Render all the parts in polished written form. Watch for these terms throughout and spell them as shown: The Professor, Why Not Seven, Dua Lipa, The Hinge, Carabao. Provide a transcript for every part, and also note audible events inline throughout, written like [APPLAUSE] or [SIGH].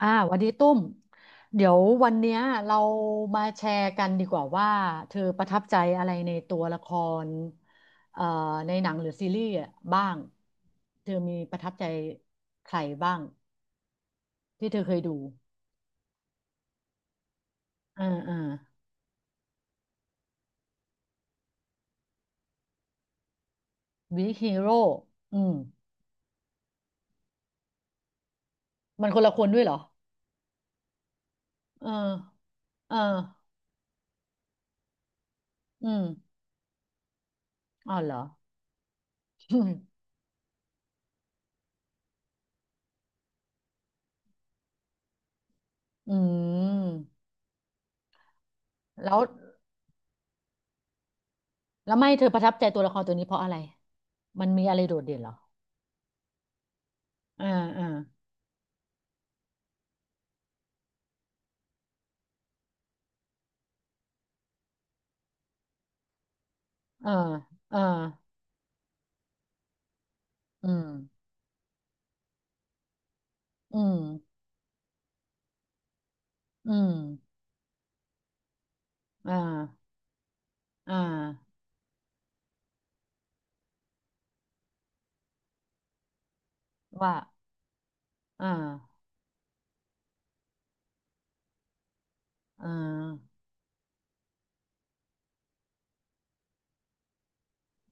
วันนี้ตุ้มเดี๋ยววันเนี้ยเรามาแชร์กันดีกว่าว่าเธอประทับใจอะไรในตัวละครเอ่อในหนังหรือซีรีส์อะบ้างเธอมีประทับใจใครบ้างที่เธอเคยดูอ่าอ่าวิกฮีโร่อืมมันคนละคนด้วยเหรอเออเอออืมอ๋อเหรอ [LAUGHS] อืมแล้วแล้วไม่เธอประทับใจตัวละครตัวนี้เพราะอะไรมันมีอะไรโดดเด่นเหรออ่าอ่า อ่าอ่าอืมอืมอืมอ่าอ่าว่าอ่าอ่า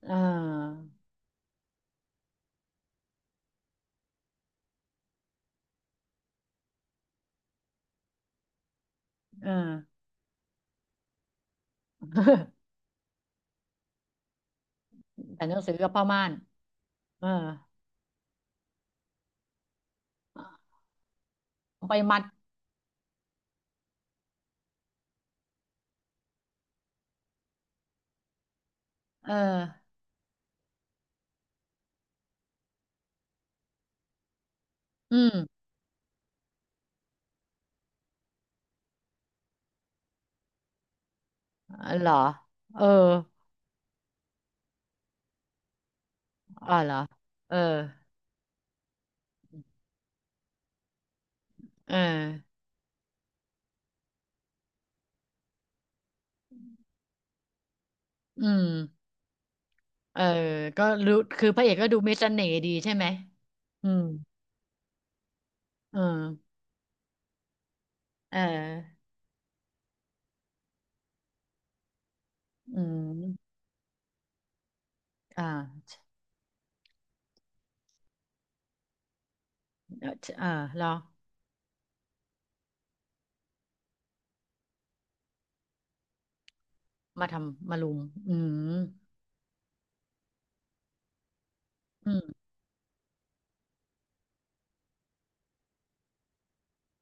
อ่าอ่า [LAUGHS] แต่หนังสือกับผ้าม่านเออเอาไปมัดเอออืมเหรอเอออ๋อเหรอเออเอออืมเออก็รู้คือพระเอกก็ดูมีเสน่ห์ดีใช่ไหมอืมเออเอออืมอ่าอ่าเหรอ มาทำมารุมอืมอืม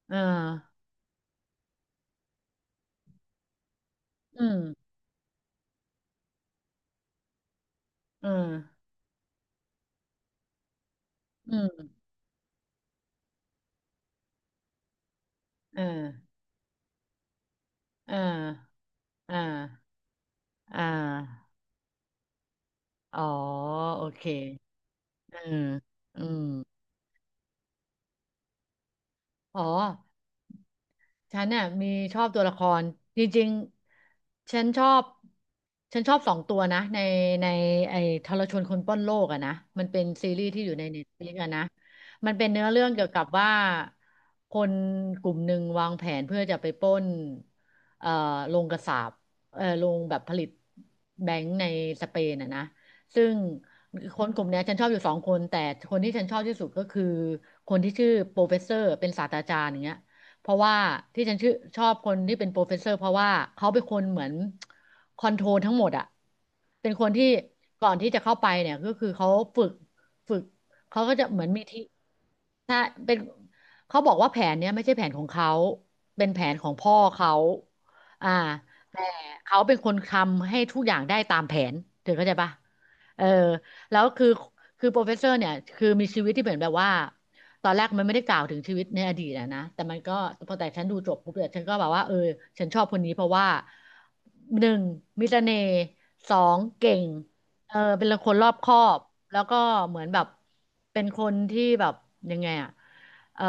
เอออืมเอออืมเออเออเอออ่าอ๋อโอเคอืมอืมอ๋อ ฉันเนี่ยมีชอบตัวละครจริงๆ ฉันชอบ2 ตัวนะในไอ้ทรชนคนปล้นโลกอะนะมันเป็นซีรีส์ที่อยู่ในเน็ตฟลิกอะนะมันเป็นเนื้อเรื่องเกี่ยวกับว่าคนกลุ่มหนึ่งวางแผนเพื่อจะไปปล้นเอ่อโรงกษาปโรงแบบผลิตแบงก์ในสเปนอะนะซึ่งคนกลุ่มเนี้ยฉันชอบอยู่2 คนแต่คนที่ฉันชอบที่สุดก็คือคนที่ชื่อโปรเฟสเซอร์เป็นศาสตราจารย์อย่างเงี้ย เพราะว่าที่ฉันชื่อชอบคนที่เป็นโปรเฟสเซอร์เพราะว่าเขาเป็นคนเหมือนคอนโทรลทั้งหมดอะเป็นคนที่ก่อนที่จะเข้าไปเนี่ยก็คือเขาฝึกฝึกเขาก็จะเหมือนมีที่ถ้าเป็นเขาบอกว่าแผนเนี้ยไม่ใช่แผนของเขาเป็นแผนของพ่อเขาอ่าแต่เขาเป็นคนทำให้ทุกอย่างได้ตามแผนเธอเข้าใจปะเออแล้วคือโปรเฟสเซอร์เนี่ยคือมีชีวิตที่เหมือนแบบว่า ตอนแรกมันไม่ได้กล่าวถึงชีวิตในอดีตอะนะแต่มันก็พอแต่ฉันดูจบปุ๊บเนี่ยฉันก็แบบว่าเออฉันชอบคนนี้เพราะว่าหนึ่งมีเสน่ห์สองเก่งเออเป็นคนรอบคอบแล้วก็เหมือนแบบเป็นคนที่แบบยังไงอะเออ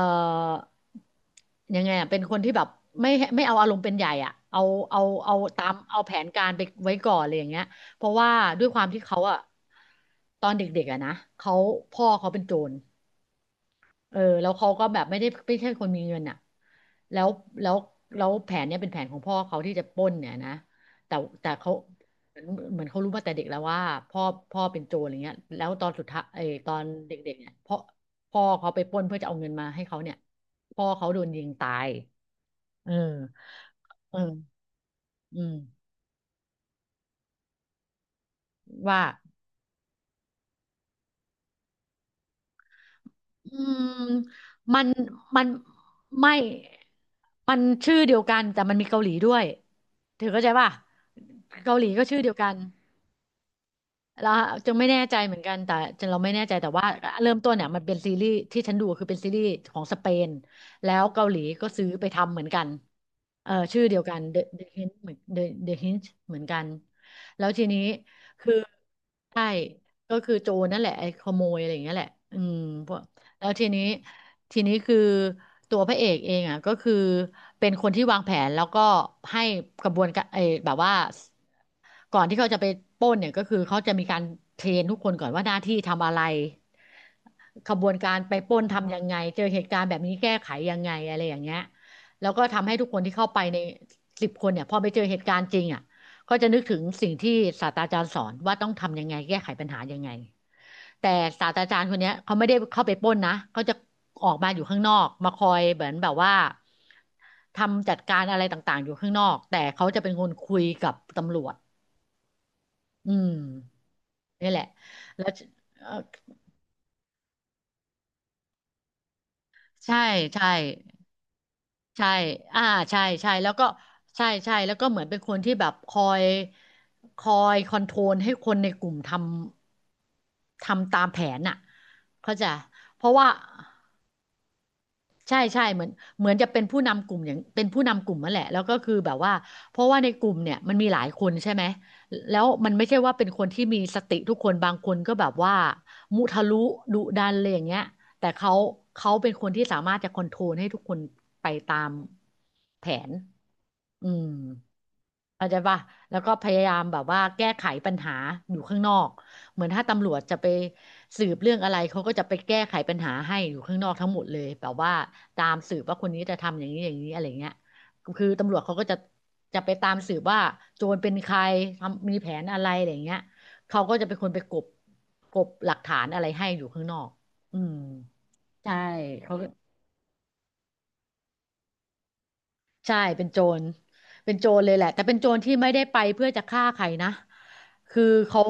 ยังไงอะเป็นคนที่แบบไม่ไม่เอาอารมณ์เป็นใหญ่อ่ะเอาเอาตามเอาแผนการไปไว้ก่อนอะไรอย่างเงี้ยเพราะว่าด้วยความที่เขาอะตอนเด็กๆอะนะเขาพ่อเขาเป็นโจร เออแล้วเขาก็แบบไม่ได้ไม่ใช่คนมีเงินอ่ะแล้วแล้วแล้วแผนเนี้ยเป็นแผนของพ่อเขาที่จะปล้นเนี่ยนะแต่แต่เขาเหมือนเหมือนเขารู้มาแต่เด็กแล้วว่าพ่อพ่อเป็นโจรอะไรเงี้ยแล้วตอนสุดท้ายเออตอนเด็กๆเนี่ยพ่อพ่อเขาไปปล้นเพื่อจะเอาเงินมาให้เขาเนี่ยพ่อเขาโดนยิงตายเออเอออืมว่า อืมมันมันไม่มันชื่อเดียวกันแต่มันมีเกาหลีด้วยเธอเข้าใจป่ะเกาหลีก็ชื่อเดียวกัน เราจะไม่แน่ใจเหมือนกันแต่จะเราไม่แน่ใจแต่ว่าเริ่มต้นเนี่ยมันเป็นซีรีส์ที่ฉันดูคือเป็นซีรีส์ของสเปนแล้วเกาหลีก็ซื้อไปทำเหมือนกันเออชื่อเดียวกัน The Hinge เหมือน The Hinge เหมือนกันแล้วทีนี้คือใช่ก็คือโจรนั่นแหละไอ้ขโมยอะไรอย่างเงี้ยแหละอืมพวกแล้วทีนี้คือตัวพระเอกเองอ่ะก็คือเป็นคนที่วางแผนแล้วก็ให้กระบวนการไอ้แบบว่า ก่อนที่เขาจะไปปล้นเนี่ยก็คือเขาจะมีการเทรนทุกคนก่อนว่าหน้าที่ทำอะไรขบวนการไปปล้นทำยังไงเจอเหตุการณ์แบบนี้แก้ไขยังไงอะไรอย่างเงี้ยแล้วก็ทำให้ทุกคนที่เข้าไปใน10 คนเนี่ยพอไปเจอเหตุการณ์จริงอ่ะก็จะนึกถึงสิ่งที่ศาสตราจารย์สอนว่าต้องทำยังไงแก้ไขปัญหายังไงแต่ศาสตราจารย์คนเนี้ยเขาไม่ได้เข้าไปปล้นนะเขาจะออกมาอยู่ข้างนอกมาคอยเหมือนแบบว่าทำจัดการอะไรต่างๆอยู่ข้างนอกแต่เขาจะเป็นคนคุยกับตำรวจอืม นี่แหละแล้วเอ่อใช่ใช่ใช่อ่าใช่ใช่ แล้วก็ใช่ใช่ แล้วก็เหมือนเป็นคนที่แบบคอยคอนโทรลให้คนในกลุ่มทำตามแผนน่ะเข้าใจเพราะว่า ใช่เหมือนจะเป็นผู้นำกลุ่มอย่างเป็นผู้นำกลุ่มนั่นแหละแล้วก็คือแบบว่าเพราะว่าในกลุ่มเนี่ยมันมีหลายคนใช่ไหมแล้วมันไม่ใช่ว่าเป็นคนที่มีสติทุกคนบางคนก็แบบว่ามุทะลุดุดันอะไรอย่างเงี้ยแต่เขาเป็นคนที่สามารถจะคอนโทรลให้ทุกคนไปตามแผนอืม เข้าใจป่ะแล้วก็พยายามแบบว่าแก้ไขปัญหาอยู่ข้างนอกเหมือนถ้าตำรวจจะไปสืบเรื่องอะไรเขาก็จะไปแก้ไขปัญหาให้อยู่ข้างนอกทั้งหมดเลยแบบว่าตามสืบว่าคนนี้จะทำอย่างนี้อย่างนี้อะไรเงี้ยคือตำรวจเขาก็จะไปตามสืบว่าโจรเป็นใครทำมีแผนอะไรอะไรเงี้ยเขาก็จะเป็นคนไปกบกบหลักฐานอะไรให้อยู่ข้างนอกอืมใช่เขา ใช่เป็นโจรเป็นโจรเลยแหละแต่เป็นโจรที่ไม่ได้ไปเพื่อจะฆ่าใครนะคือเขา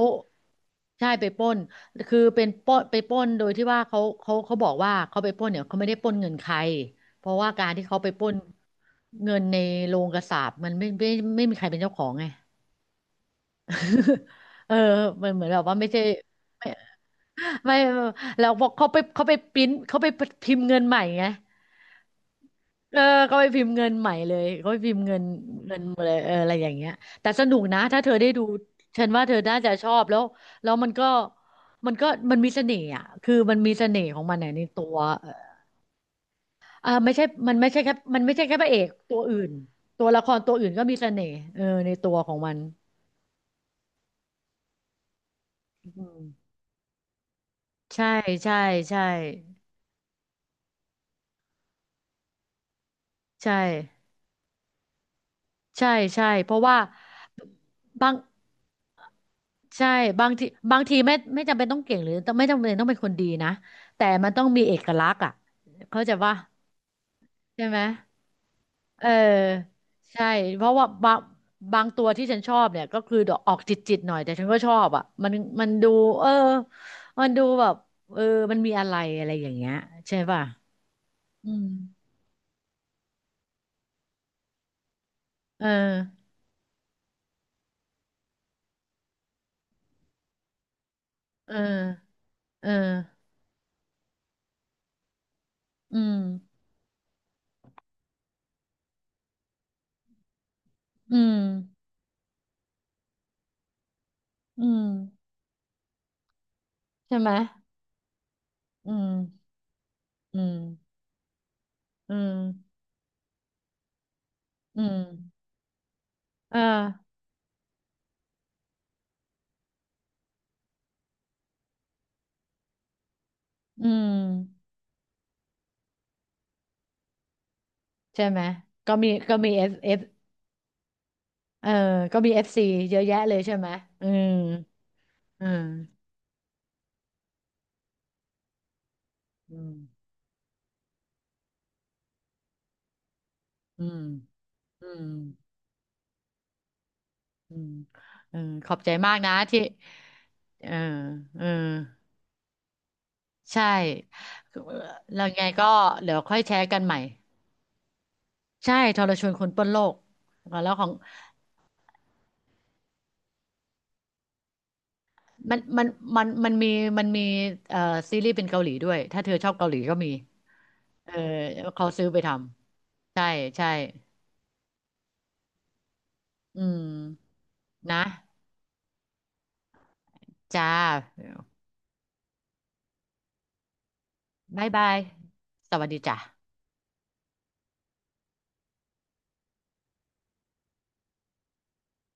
ใช่ไปปล้นคือเป็นปล้นไปปล้นโดยที่ว่าเขาบอกว่าเขาไปปล้นเนี่ยเขาไม่ได้ปล้นเงินใครเพราะว่าการที่เขาไปปล้นเงินในโรงกษาปณ์มันไม่ไมมีใครเป็นเจ้าของไง [LAUGHS] เออมันเหมือนแบบว่าไม่ใช่ไม่ไม่แล้วบอกเขาไปเขาไปปริ้นเขาไปพิมพ์เงินใหม่ไง เออเขาไปพิมพ์เงินใหม่เลยเขาไปพิมพ์เงินเงินมาเลยเอออะไรอย่างเงี้ยแต่สนุกนะถ้าเธอได้ดูฉันว่าเธอน่าจะชอบแล้วแล้วมันก็มันมีเสน่ห์อ่ะคือมันมีเสน่ห์ของมันอะในตัวเออเอาไม่ใช่มันไม่ใช่แค่พระเอกตัวอื่นตัวละครตัวอื่นก็มีเสน่ห์เออในตัวของมันอืมใช่ใช่ใช่ใช่ใช่ใช่เพราะว่าบาง ใช่บางทีไม่จำเป็นต้องเก่งหรือไม่จำเป็นต้องเป็นคนดีนะแต่มันต้องมีเอกลักษณ์อ่ะเข้าใจว่าใช่ไหมเออใช่เพราะว่าบางตัวที่ฉันชอบเนี่ยก็คือดอกออกจิตหน่อยแต่ฉันก็ชอบอ่ะมันมันดูเออมันดูแบบเออมันมีอะไรอะไรอย่างเงี้ยใช่ป่ะอืมเออเออเอออืมอืมอืมใช่ไหมอืมอืมอืมอืมเออ อืมใช่ไหมก็มีเอฟเอฟเออก็มีเอฟซีเยอะแยะเลยใช่ไหมอืมอืมอืมอืมอืมอืมเออขอบใจมากนะที่เออเออใช่แล้วไงก็เดี๋ยวค่อยแชร์กันใหม่ใช่ทรชวนคนปล้นโลกแล้วของมันมันมันมันมีเอ่อซีรีส์เป็นเกาหลีด้วยถ้าเธอชอบเกาหลีก็มีเออเขาซื้อไปทำใช่ใช่ อืมนะจ้าบ๊ายบายสวัสดีจ้ะ